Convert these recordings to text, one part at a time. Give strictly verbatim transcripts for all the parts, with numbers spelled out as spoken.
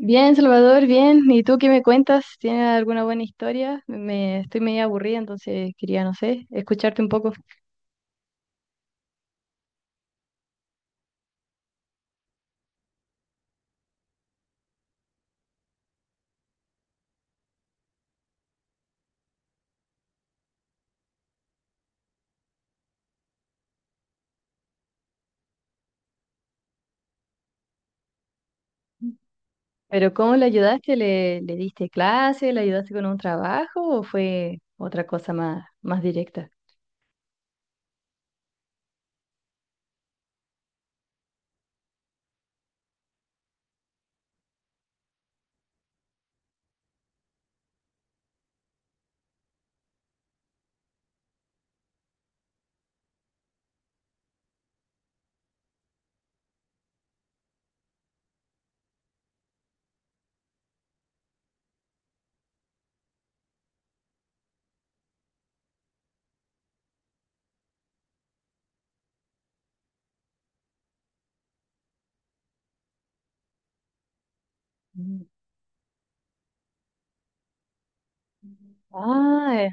Bien, Salvador, bien. ¿Y tú qué me cuentas? ¿Tienes alguna buena historia? Me estoy medio aburrida, entonces quería, no sé, escucharte un poco. Pero ¿cómo le ayudaste? ¿Le, le diste clase? ¿Le ayudaste con un trabajo? ¿O fue otra cosa más, más directa? Mm. Ah, eh,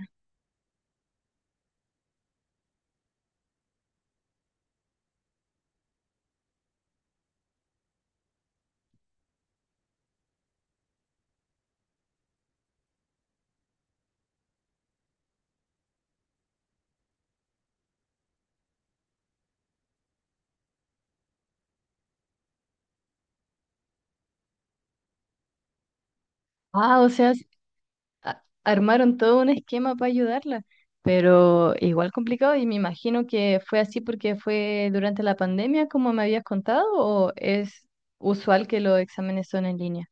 ah, o sea, s- a- armaron todo un esquema para ayudarla, pero igual complicado y me imagino que fue así porque fue durante la pandemia, como me habías contado, ¿o es usual que los exámenes son en línea?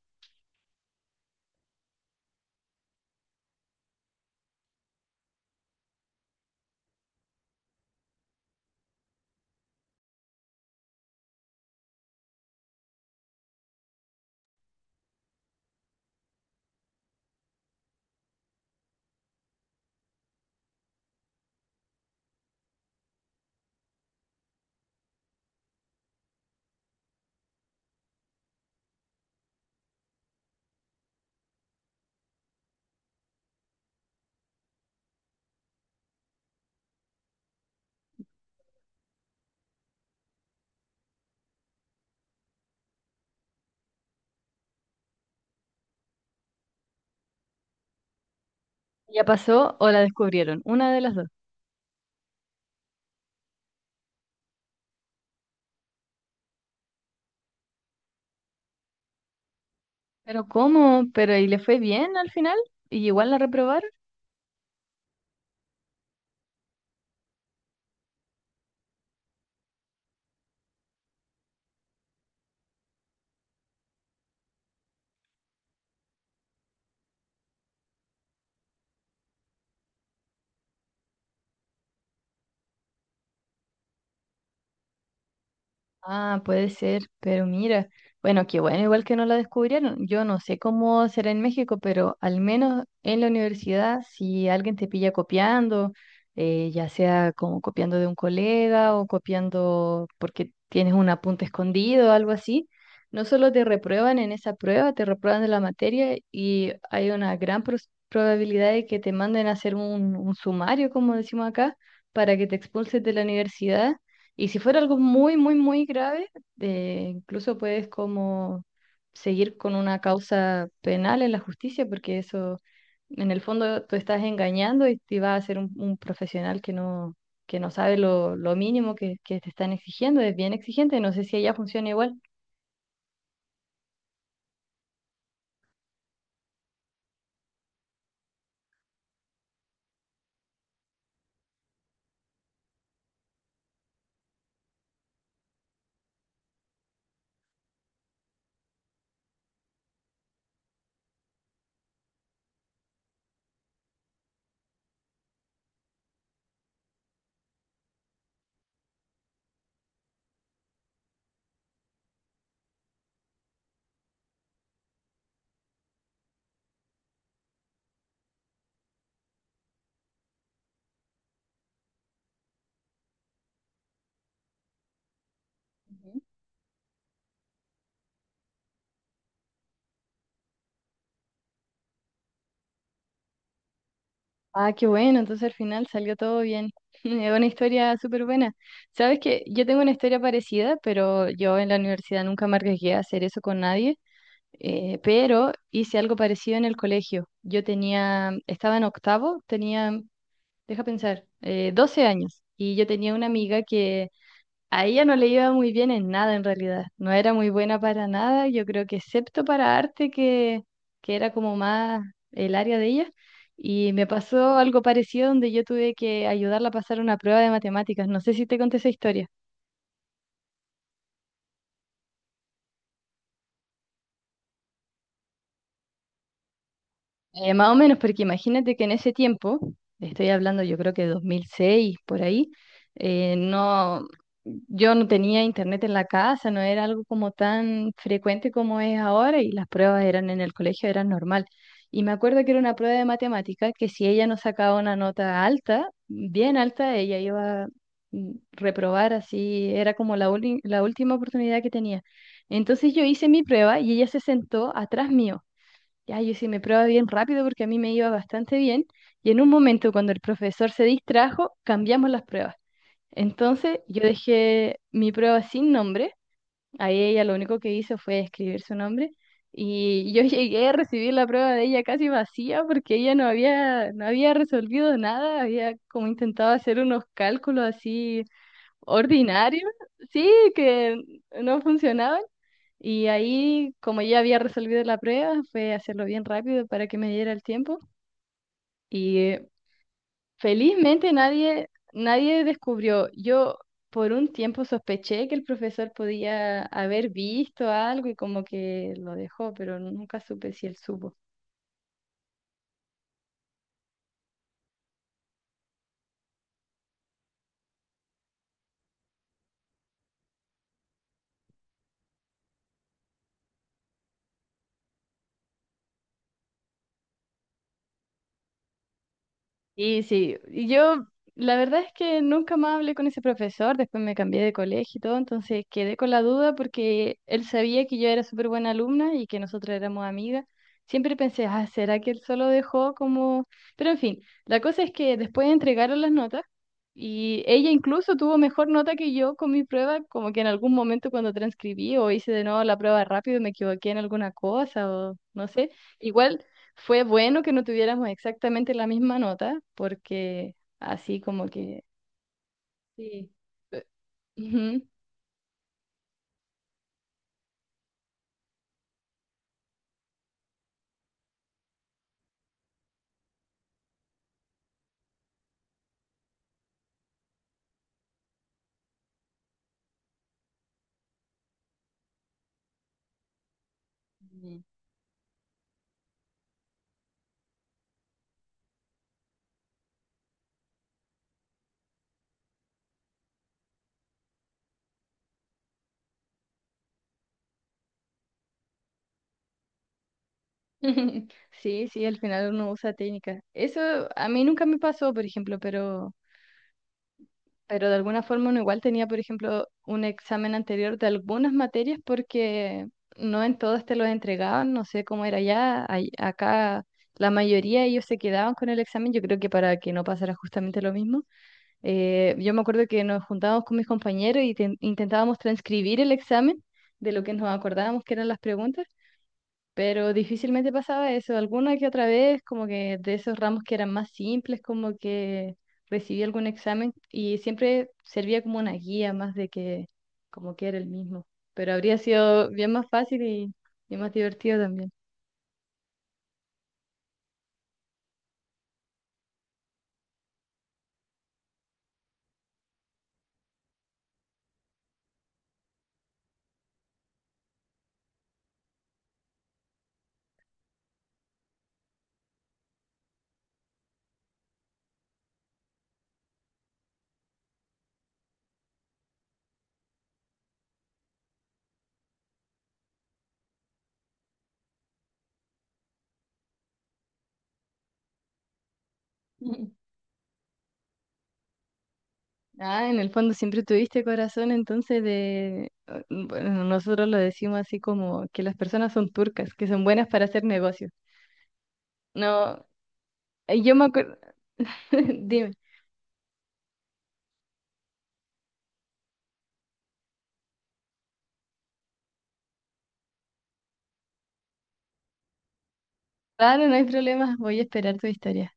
Ya pasó o la descubrieron, una de las dos. Pero ¿cómo? Pero ¿y le fue bien al final? ¿Y igual la reprobaron? Ah, puede ser, pero mira, bueno, qué bueno, igual que no la descubrieron. Yo no sé cómo será en México, pero al menos en la universidad, si alguien te pilla copiando, eh, ya sea como copiando de un colega o copiando porque tienes un apunte escondido o algo así, no solo te reprueban en esa prueba, te reprueban de la materia y hay una gran pros- probabilidad de que te manden a hacer un, un sumario, como decimos acá, para que te expulses de la universidad y si fuera algo muy, muy, muy grave, eh, incluso puedes como seguir con una causa penal en la justicia, porque eso, en el fondo, tú estás engañando y te va a ser un, un profesional que no, que no sabe lo, lo mínimo que, que te están exigiendo, es bien exigente, no sé si allá funciona igual. Ah, qué bueno, entonces al final salió todo bien. Es una historia súper buena. Sabes que yo tengo una historia parecida, pero yo en la universidad nunca me arriesgué a hacer eso con nadie. Eh, pero hice algo parecido en el colegio. Yo tenía, estaba en octavo, tenía, deja pensar, eh, doce años. Y yo tenía una amiga que a ella no le iba muy bien en nada en realidad. No era muy buena para nada, yo creo que excepto para arte, que, que era como más el área de ella. Y me pasó algo parecido donde yo tuve que ayudarla a pasar una prueba de matemáticas. No sé si te conté esa historia. Eh, más o menos, porque imagínate que en ese tiempo, estoy hablando yo creo que dos mil seis, por ahí, eh, no, yo no tenía internet en la casa, no era algo como tan frecuente como es ahora y las pruebas eran en el colegio, eran normal. Y me acuerdo que era una prueba de matemática que si ella no sacaba una nota alta, bien alta, ella iba a mm, reprobar así, era como la, uni- la última oportunidad que tenía. Entonces yo hice mi prueba y ella se sentó atrás mío. Ya, yo sí me probaba bien rápido porque a mí me iba bastante bien. Y en un momento, cuando el profesor se distrajo, cambiamos las pruebas. Entonces, yo dejé mi prueba sin nombre. Ahí ella lo único que hizo fue escribir su nombre. Y yo llegué a recibir la prueba de ella casi vacía porque ella no había, no había resolvido nada. Había como intentado hacer unos cálculos así ordinarios. Sí, que no funcionaban. Y ahí, como ya había resolvido la prueba, fue hacerlo bien rápido para que me diera el tiempo. Y eh, felizmente nadie, nadie descubrió. Yo por un tiempo sospeché que el profesor podía haber visto algo y como que lo dejó, pero nunca supe si él supo. Y sí, y yo la verdad es que nunca más hablé con ese profesor, después me cambié de colegio y todo, entonces quedé con la duda porque él sabía que yo era súper buena alumna y que nosotros éramos amigas. Siempre pensé, ah, ¿será que él solo dejó como...? Pero en fin, la cosa es que después entregaron las notas y ella incluso tuvo mejor nota que yo con mi prueba, como que en algún momento cuando transcribí o hice de nuevo la prueba rápido me equivoqué en alguna cosa o no sé. Igual... Fue bueno que no tuviéramos exactamente la misma nota, porque así como que... Sí. Eh, Ujú. Mm. Sí, sí, al final uno usa técnicas. Eso a mí nunca me pasó, por ejemplo, pero, pero de alguna forma uno igual tenía, por ejemplo, un examen anterior de algunas materias porque no en todas te los entregaban, no sé cómo era allá, ay- acá la mayoría ellos se quedaban con el examen, yo creo que para que no pasara justamente lo mismo. Eh, yo me acuerdo que nos juntábamos con mis compañeros y ten- intentábamos transcribir el examen de lo que nos acordábamos que eran las preguntas, pero difícilmente pasaba eso. Alguna que otra vez, como que de esos ramos que eran más simples, como que recibí algún examen y siempre servía como una guía más de que como que era el mismo. Pero habría sido bien más fácil y, y más divertido también. Ah, en el fondo siempre tuviste corazón, entonces de... ah, bueno, nosotros lo decimos así como que las personas son turcas, que son buenas para hacer negocios. No, eh, yo me acuerdo... Dime. Claro, no hay problema, voy a esperar tu historia.